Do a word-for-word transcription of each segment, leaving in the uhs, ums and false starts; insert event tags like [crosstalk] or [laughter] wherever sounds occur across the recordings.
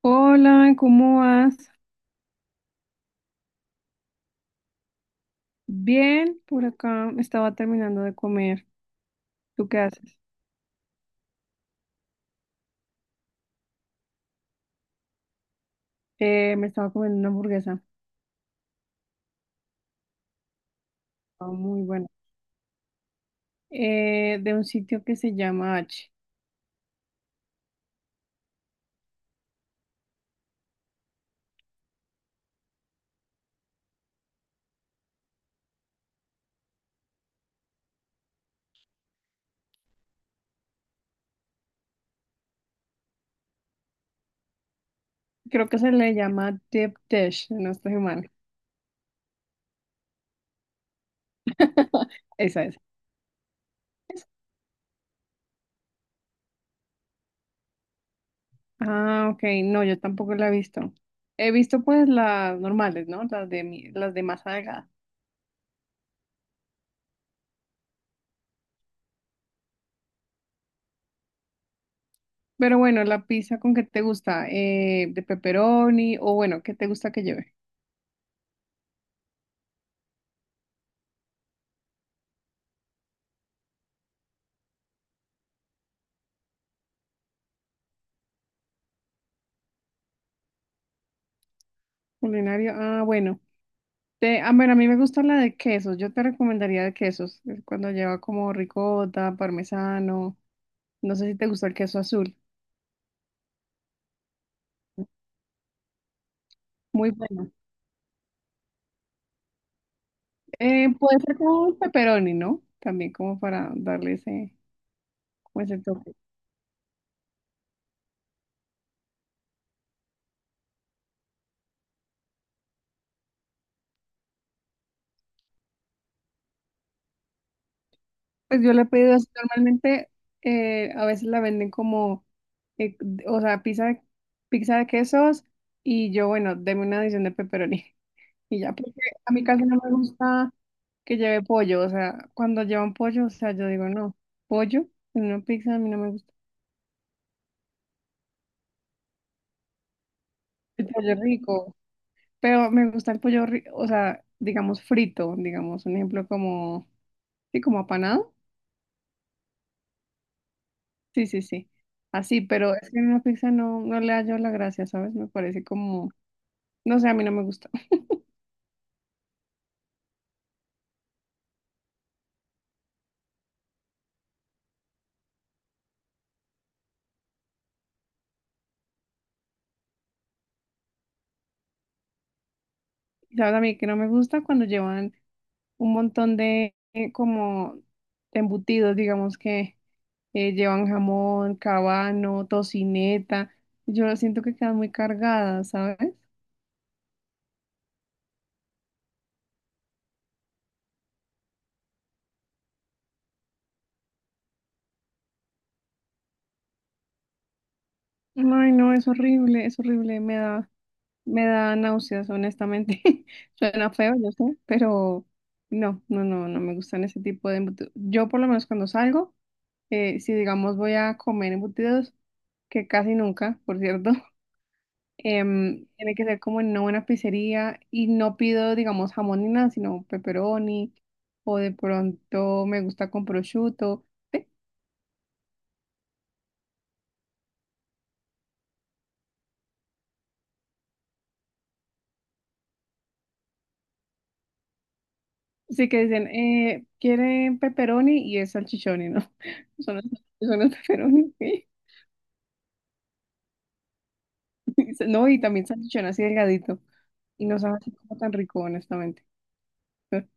Hola, ¿cómo vas? Bien, por acá estaba terminando de comer. ¿Tú qué haces? Eh, me estaba comiendo una hamburguesa, estaba muy buena, eh, de un sitio que se llama H. Creo que se le llama Deep Dish, no estoy mal. Esa es. ¿Es? Ah, ok, no, yo tampoco la he visto. He visto pues las normales, ¿no? Las de, mi- las de masa delgada. Pero bueno, la pizza con qué te gusta, Eh, de pepperoni o bueno, ¿qué te gusta que lleve? Culinario. Ah, bueno. Te- ah, bueno, a mí me gusta la de quesos. Yo te recomendaría de quesos. eh, Cuando lleva como ricota, parmesano. No sé si te gusta el queso azul. Muy bueno. Eh, puede ser como un pepperoni, ¿no? También como para darle ese, como ese toque. Pues yo le he pedido así. Normalmente eh, a veces la venden como, eh, o sea, pizza de, pizza de quesos y yo, bueno, deme una adición de pepperoni. Y ya, porque a mí casi no me gusta que lleve pollo, o sea, cuando llevan pollo, o sea, yo digo, no, pollo en una pizza a mí no me gusta. El pollo rico, pero me gusta el pollo, ri- o sea, digamos frito, digamos, un ejemplo como, sí, como apanado. Sí, sí, sí. Así, pero es que en una pizza no, no le hallo la gracia, ¿sabes? Me parece como, no sé, a mí no me gusta. [laughs] ¿Sabes? A mí que no me gusta cuando llevan un montón de, eh, como, embutidos, digamos que. Eh, llevan jamón, cabano, tocineta. Yo siento que quedan muy cargadas, ¿sabes? Ay, no, es horrible, es horrible, me da, me da náuseas, honestamente. [laughs] Suena feo, yo sé, pero no, no, no, no me gustan ese tipo de embutidos. Yo por lo menos cuando salgo, eh, si digamos voy a comer embutidos, que casi nunca, por cierto, Em, tiene que ser como en una buena pizzería y no pido, digamos, jamón ni nada, sino pepperoni o de pronto me gusta con prosciutto. Así que dicen, eh, ¿quieren pepperoni? Y es salchichoni, ¿no? [laughs] Son los, son los pepperoni, ¿sí? [laughs] No, y también salchichón así delgadito. Y no sabe así como tan rico, honestamente. [laughs]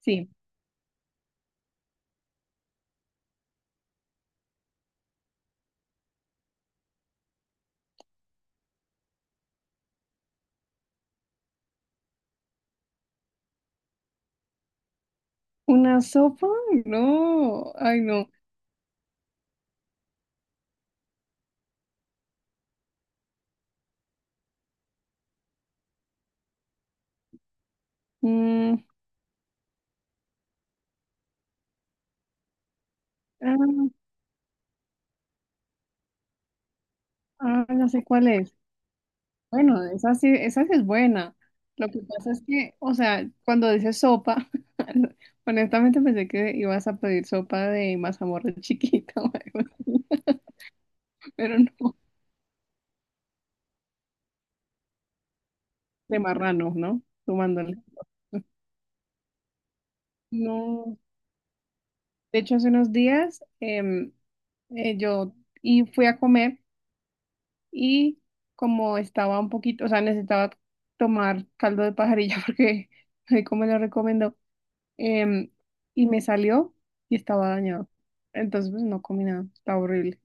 Sí. ¿Una sopa? No. Ay, no. Mm, ah, ah, ya sé cuál es. Bueno, esa sí, esa sí es buena. Lo que pasa es que, o sea, cuando dices sopa, [laughs] honestamente pensé que ibas a pedir sopa de mazamorra [laughs] chiquita o algo así, pero no, de marrano, ¿no? Sumándole. No, de hecho hace unos días em, eh, yo y fui a comer y como estaba un poquito, o sea, necesitaba tomar caldo de pajarilla [laughs] porque ahí como lo recomendó, Em, y me salió y estaba dañado. Entonces, pues no comí nada. Está horrible.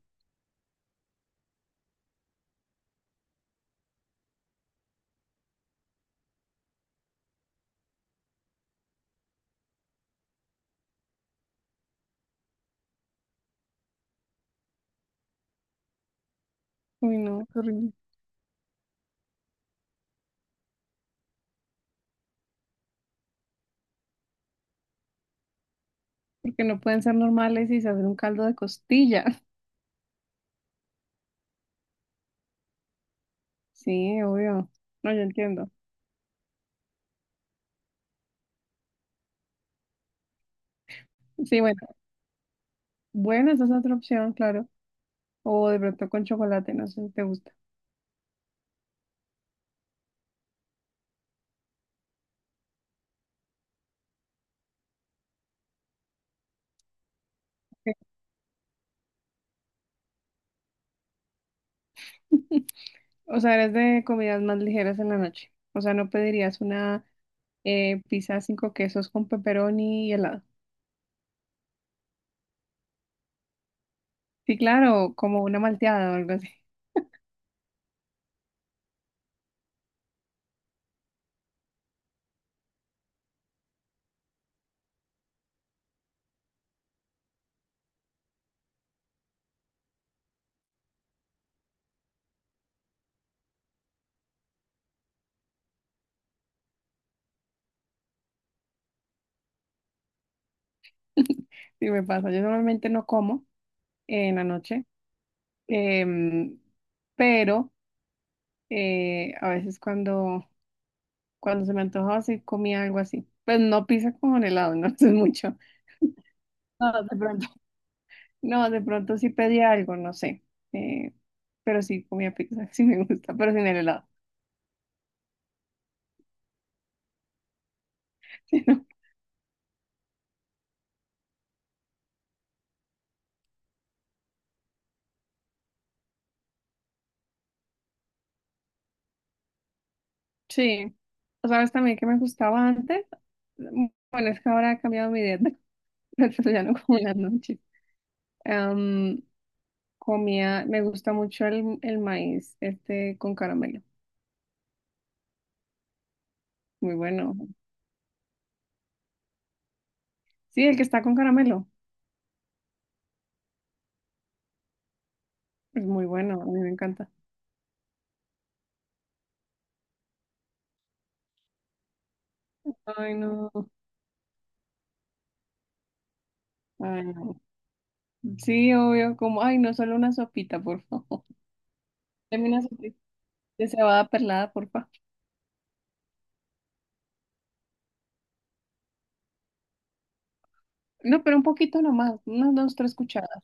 Uy, no, qué horrible. Porque no pueden ser normales y se hacen un caldo de costillas. [laughs] Sí, obvio. No, yo entiendo. Sí, bueno. Bueno, esa es otra opción, claro. O de pronto con chocolate, no sé si te gusta. Sí. O sea, eres de comidas más ligeras en la noche. O sea, no pedirías una eh, pizza cinco quesos con pepperoni y helado. Sí, claro, como una malteada o algo así. [laughs] Sí me pasa. Yo normalmente no como en la noche, em, pero eh, a veces cuando, cuando se me antojaba sí comía algo así. Pues no pizza con helado, no. [laughs] Eso es mucho. No, de pronto. No, de pronto sí pedía algo, no sé. eh, pero sí comía pizza, [laughs] sí me gusta, pero sin el helado. [laughs] Sí, o sabes también que me gustaba antes. Mm, Bueno, es que ahora he cambiado mi dieta, [laughs] pero ya no como en las noches. Em, Comía, me gusta mucho el, el maíz, este con caramelo. Muy bueno. Sí, el que está con caramelo. Es muy bueno, a mí me encanta. Ay, no. Ay, no. Sí, obvio, como, ay, no, solo una sopita, por favor. [laughs] Deme una sopita de cebada perlada, por favor. No, pero un poquito nomás, unas dos, tres cucharadas.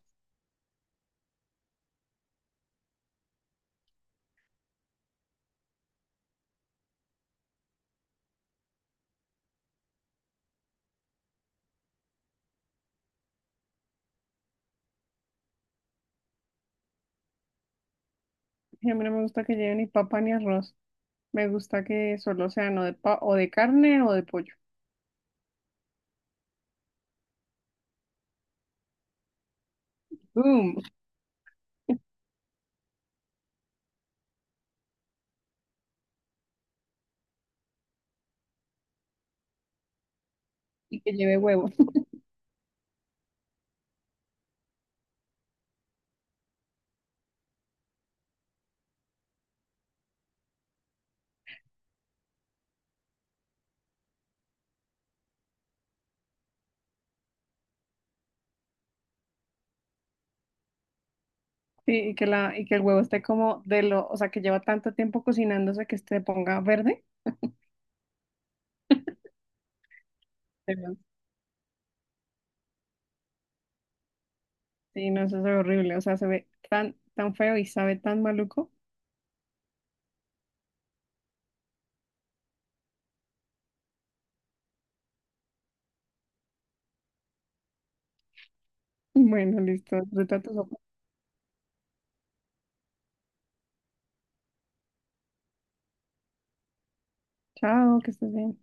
Y a mí no me gusta que lleve ni papa ni arroz. Me gusta que solo sea no de pa o de carne o de pollo. ¡Boom! Y que lleve huevo. [laughs] Sí, y que la, y que el huevo esté como de lo, o sea, que lleva tanto tiempo cocinándose que se ponga verde. Pero, sí, no, eso es horrible. O sea, se ve tan, tan feo y sabe tan maluco. [laughs] Bueno, listo. Disfruta tu sopa. Chao, que estés bien.